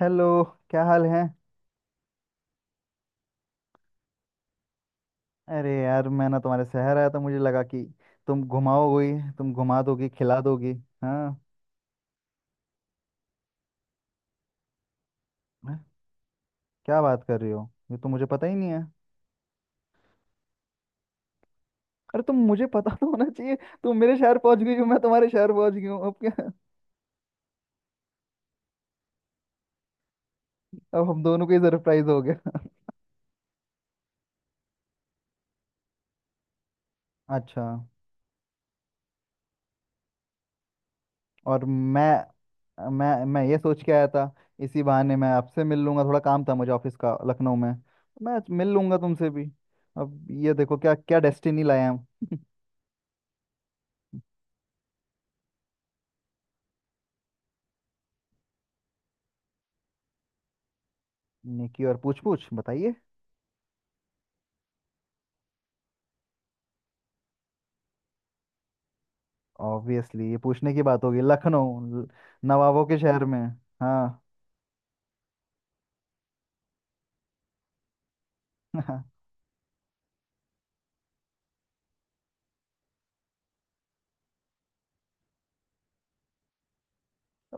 Hello. क्या हाल है? अरे यार मैं ना तुम्हारे शहर आया था, मुझे लगा कि तुम घुमाओगी, तुम घुमा दोगी, खिला दोगी। हाँ। मैं- क्या बात कर रही हो, ये तो मुझे पता ही नहीं है। अरे तुम, मुझे पता तो होना चाहिए। तुम मेरे शहर पहुंच गई हो, मैं तुम्हारे शहर पहुंच गई हूँ, अब क्या? अब हम दोनों को ही सरप्राइज हो गया। अच्छा। और मैं ये सोच के आया था, इसी बहाने मैं आपसे मिल लूंगा। थोड़ा काम था मुझे ऑफिस का लखनऊ में, मैं मिल लूंगा तुमसे भी। अब ये देखो क्या क्या डेस्टिनी लाया हम। निकी, और पूछ पूछ बताइए। ऑब्वियसली ये पूछने की बात होगी लखनऊ नवाबों के शहर में। हाँ।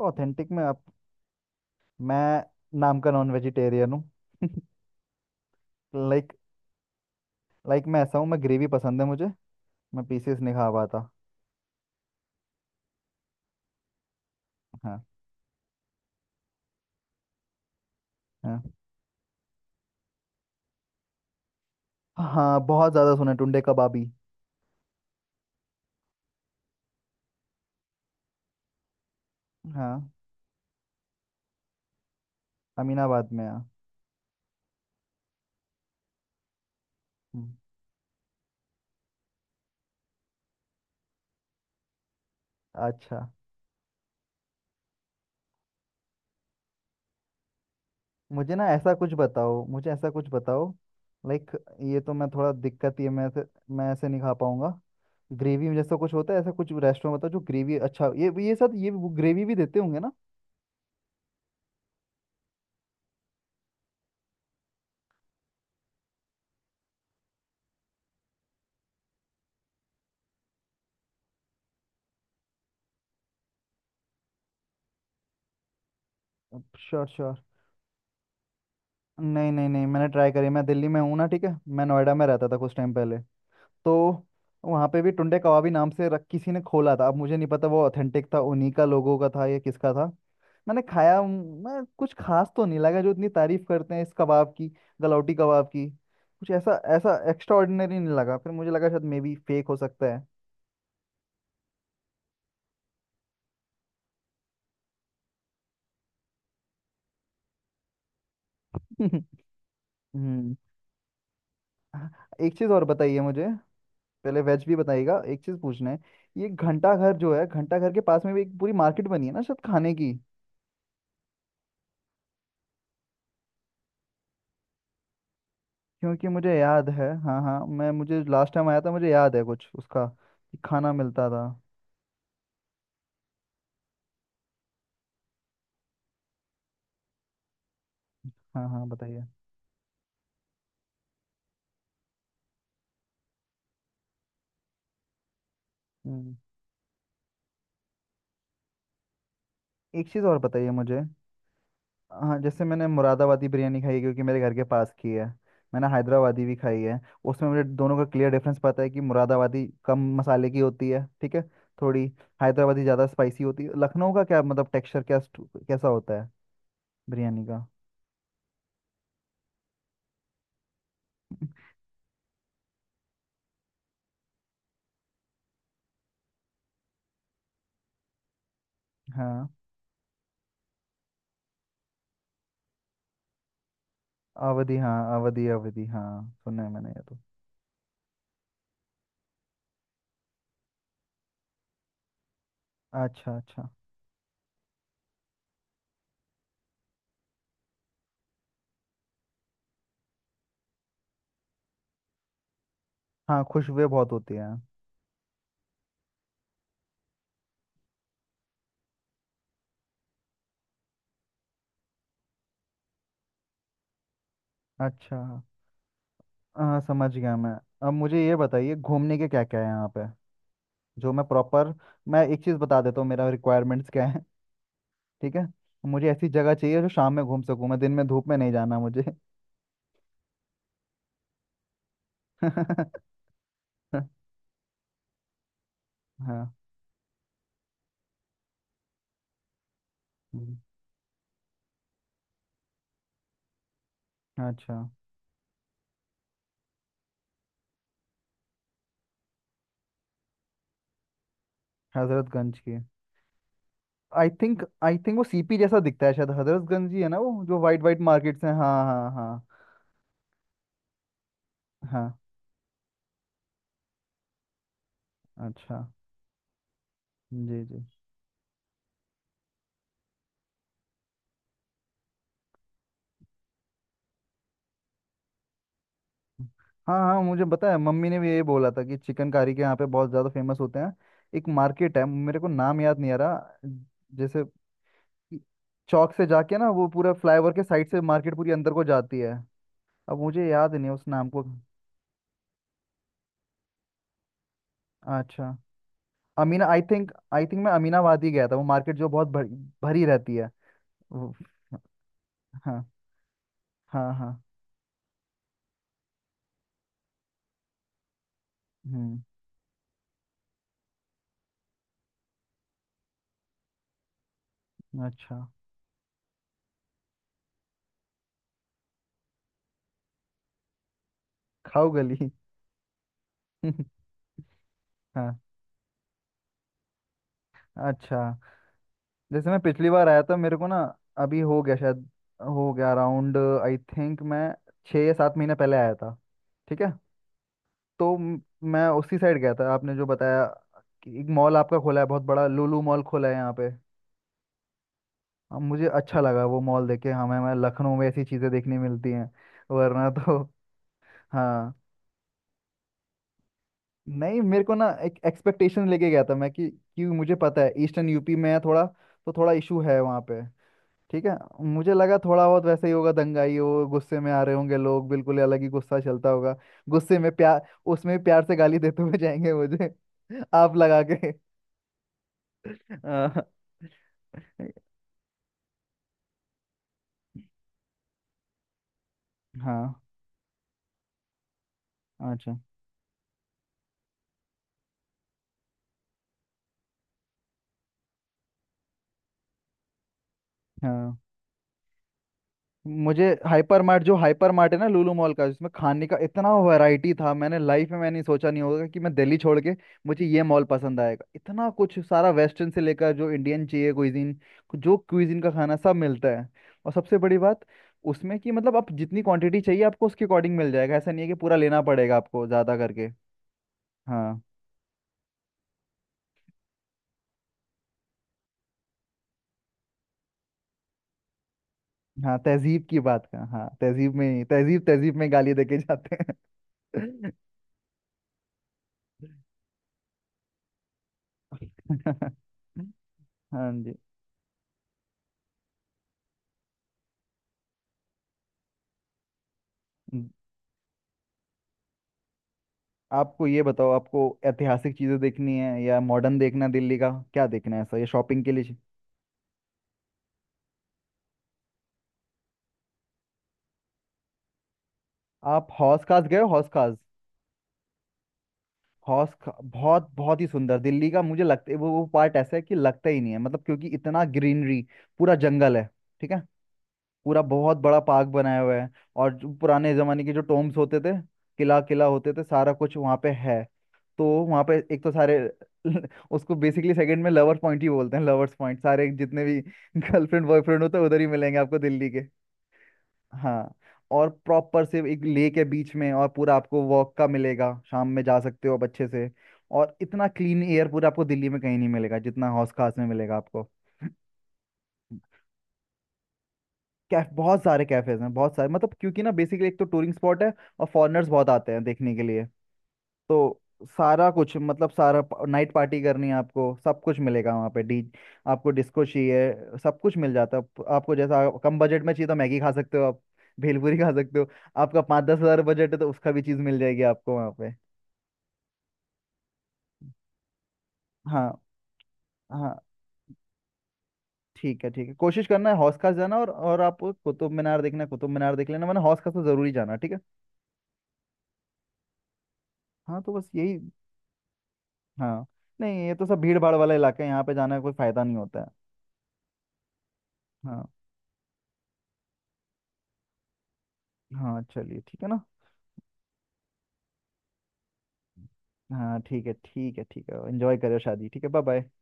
ऑथेंटिक में आप। मैं नाम का नॉन वेजिटेरियन हूँ। लाइक, मैं ऐसा हूँ, मैं ग्रेवी पसंद है मुझे, मैं पीसेस नहीं खा पाता। हाँ। हाँ, हाँ बहुत ज़्यादा सुना है टुंडे कबाबी। हाँ। अमीनाबाद में, हाँ। हम्म। अच्छा। मुझे ना ऐसा कुछ बताओ, मुझे ऐसा कुछ बताओ। लाइक, ये तो मैं थोड़ा दिक्कत, ये मैं ऐसे, मैं ऐसे नहीं खा पाऊंगा। ग्रेवी जैसा कुछ होता है, ऐसा कुछ रेस्टोरेंट बताओ जो ग्रेवी, अच्छा ये साथ, ये वो ग्रेवी भी देते होंगे ना। Sure, sure. नहीं नहीं नहीं, मैंने ट्राई करी, मैं दिल्ली में हूँ ना, ठीक है। मैं नोएडा में रहता था कुछ टाइम पहले, तो वहाँ पे भी टुंडे कबाबी नाम से रख किसी ने खोला था। अब मुझे नहीं पता वो ऑथेंटिक था उन्हीं का, लोगों का था या किसका था। मैंने खाया हूँ, मैं कुछ खास तो नहीं लगा जो इतनी तारीफ करते हैं इस कबाब की, गलौटी कबाब की। कुछ ऐसा ऐसा एक्स्ट्रा ऑर्डिनरी नहीं लगा, फिर मुझे लगा शायद मे बी फेक हो सकता है। हम्म। हाँ। एक चीज़ और बताइए मुझे। पहले वेज भी बताइएगा, एक चीज़ पूछना है। ये घंटा घर जो है, घंटा घर के पास में भी एक पूरी मार्केट बनी है ना शायद खाने की। क्योंकि मुझे याद है, हाँ हाँ, मैं मुझे लास्ट टाइम आया था, मुझे याद है कुछ उसका, कि खाना मिलता था। हाँ हाँ बताइए। हम्म। एक चीज़ और बताइए मुझे। हाँ, जैसे मैंने मुरादाबादी बिरयानी खाई है क्योंकि मेरे घर के पास की है, मैंने हैदराबादी भी खाई है। उसमें मुझे दोनों का क्लियर डिफरेंस पता है कि मुरादाबादी कम मसाले की होती है, ठीक है, थोड़ी। हैदराबादी ज़्यादा स्पाइसी होती है, लखनऊ का क्या मतलब टेक्सचर क्या, कैसा होता है बिरयानी का? हाँ। अवधी, हाँ अवधी, अवधी हाँ, सुना है मैंने ये तो। अच्छा अच्छा। हाँ खुशबू बहुत होती है। अच्छा। हाँ समझ गया मैं। अब मुझे ये बताइए, घूमने के क्या क्या है यहाँ पे? जो मैं प्रॉपर, मैं एक चीज़ बता देता हूँ, मेरा रिक्वायरमेंट्स क्या है, ठीक है। मुझे ऐसी जगह चाहिए जो शाम में घूम सकूँ मैं। दिन में धूप में नहीं जाना मुझे। हाँ। हम्म। अच्छा। हजरतगंज की। आई थिंक वो सीपी जैसा दिखता है, शायद हजरतगंज ही है ना वो, जो वाइट वाइट मार्केट्स हैं। हाँ हाँ हाँ हाँ। अच्छा। जी जी। हाँ हाँ मुझे पता है, मम्मी ने भी यही बोला था कि चिकनकारी के यहाँ पे बहुत ज़्यादा फेमस होते हैं। एक मार्केट है, मेरे को नाम याद नहीं आ रहा, जैसे चौक से जाके ना, वो पूरा फ्लाईओवर के साइड से मार्केट पूरी अंदर को जाती है, अब मुझे याद नहीं है उस नाम को। अच्छा। अमीना, आई थिंक मैं अमीनाबाद ही गया था, वो मार्केट जो बहुत भरी, भरी रहती है वो- हाँ हाँ हाँ। हम्म। अच्छा। खाओ गली। हाँ। अच्छा। जैसे मैं पिछली बार आया था मेरे को ना, अभी हो गया शायद, हो गया अराउंड, आई थिंक मैं 6 या 7 महीने पहले आया था, ठीक है। तो मैं उसी साइड गया था आपने जो बताया, कि एक मॉल आपका खोला है बहुत बड़ा, लुलु मॉल खोला है यहाँ पे। अब मुझे अच्छा लगा वो मॉल देख के, हमें हमें लखनऊ में ऐसी चीज़ें देखने मिलती हैं, वरना तो। हाँ। नहीं मेरे को ना एक एक्सपेक्टेशन लेके गया था मैं कि मुझे पता है ईस्टर्न यूपी में है थोड़ा, तो थोड़ा इशू है वहाँ पे, ठीक है। मुझे लगा थोड़ा बहुत वैसे ही होगा, दंगाई हो, गुस्से में आ रहे होंगे लोग, बिल्कुल ही अलग ही गुस्सा चलता होगा, गुस्से में प्यार, उसमें भी प्यार से गाली देते हुए जाएंगे मुझे। आप लगा के। हाँ। हाँ, अच्छा। हाँ। मुझे हाइपर मार्ट, जो हाइपर मार्ट है ना लुलु मॉल का, इसमें खाने का इतना वैरायटी था, मैंने लाइफ में मैंने सोचा नहीं होगा कि मैं दिल्ली छोड़ के मुझे ये मॉल पसंद आएगा। इतना कुछ सारा, वेस्टर्न से लेकर जो इंडियन चाहिए क्विजीन, जो क्विजीन का खाना सब मिलता है। और सबसे बड़ी बात उसमें कि मतलब आप जितनी क्वांटिटी चाहिए आपको, उसके अकॉर्डिंग मिल जाएगा। ऐसा नहीं है कि पूरा लेना पड़ेगा आपको ज़्यादा करके। हाँ। हाँ तहजीब की बात का, हाँ तहजीब में, तहजीब, तहजीब में गाली देके जाते हैं। हाँ जी। हम्म। आपको ये बताओ, आपको ऐतिहासिक चीजें देखनी है या मॉडर्न देखना है? दिल्ली का क्या देखना है ऐसा, ये शॉपिंग के लिए आप हौस खास गए हो, हौस खास। बहुत बहुत ही सुंदर दिल्ली का, मुझे लगता है वो पार्ट ऐसा है कि लगता ही नहीं है मतलब, क्योंकि इतना ग्रीनरी, पूरा जंगल है, ठीक है। पूरा बहुत बड़ा पार्क बनाया हुआ है, और जो पुराने जमाने के जो टोम्स होते थे, किला किला होते थे, सारा कुछ वहाँ पे है। तो वहाँ पे एक तो सारे, उसको बेसिकली सेकंड में लवर्स पॉइंट ही बोलते हैं। लवर्स पॉइंट, सारे जितने भी गर्लफ्रेंड बॉयफ्रेंड होते हैं उधर ही मिलेंगे आपको दिल्ली के। हाँ। और प्रॉपर से एक लेक है बीच में, और पूरा आपको वॉक का मिलेगा, शाम में जा सकते हो आप अच्छे से। और इतना क्लीन एयर पूरा आपको दिल्ली में कहीं नहीं मिलेगा जितना हौस खास में मिलेगा आपको। कैफ, बहुत सारे कैफेज हैं, बहुत सारे, मतलब क्योंकि ना बेसिकली एक तो टूरिंग स्पॉट है और फॉरेनर्स बहुत आते हैं देखने के लिए। तो सारा कुछ मतलब सारा, नाइट पार्टी करनी है आपको, सब कुछ मिलेगा वहाँ पे। डी, आपको डिस्को चाहिए, सब कुछ मिल जाता है। आप- आपको जैसा कम बजट में चाहिए तो मैगी खा सकते हो आप, भेलपूरी खा सकते हो। आपका 5-10 हज़ार बजट है तो उसका भी चीज़ मिल जाएगी आपको वहाँ पे। हाँ। हाँ ठीक है ठीक है। कोशिश करना है हौस खास जाना, और आप कुतुब मीनार देखना, कुतुब मीनार देख लेना, मैंने हौस खास तो जरूरी जाना। ठीक है। हाँ तो बस यही। हाँ नहीं ये तो सब भीड़ भाड़ वाला इलाका है, यहाँ पे जाने का कोई फायदा नहीं होता है। हाँ। हाँ चलिए, ठीक है ना। हाँ ठीक है, ठीक है, ठीक है। एंजॉय करो शादी, ठीक है। Bye bye.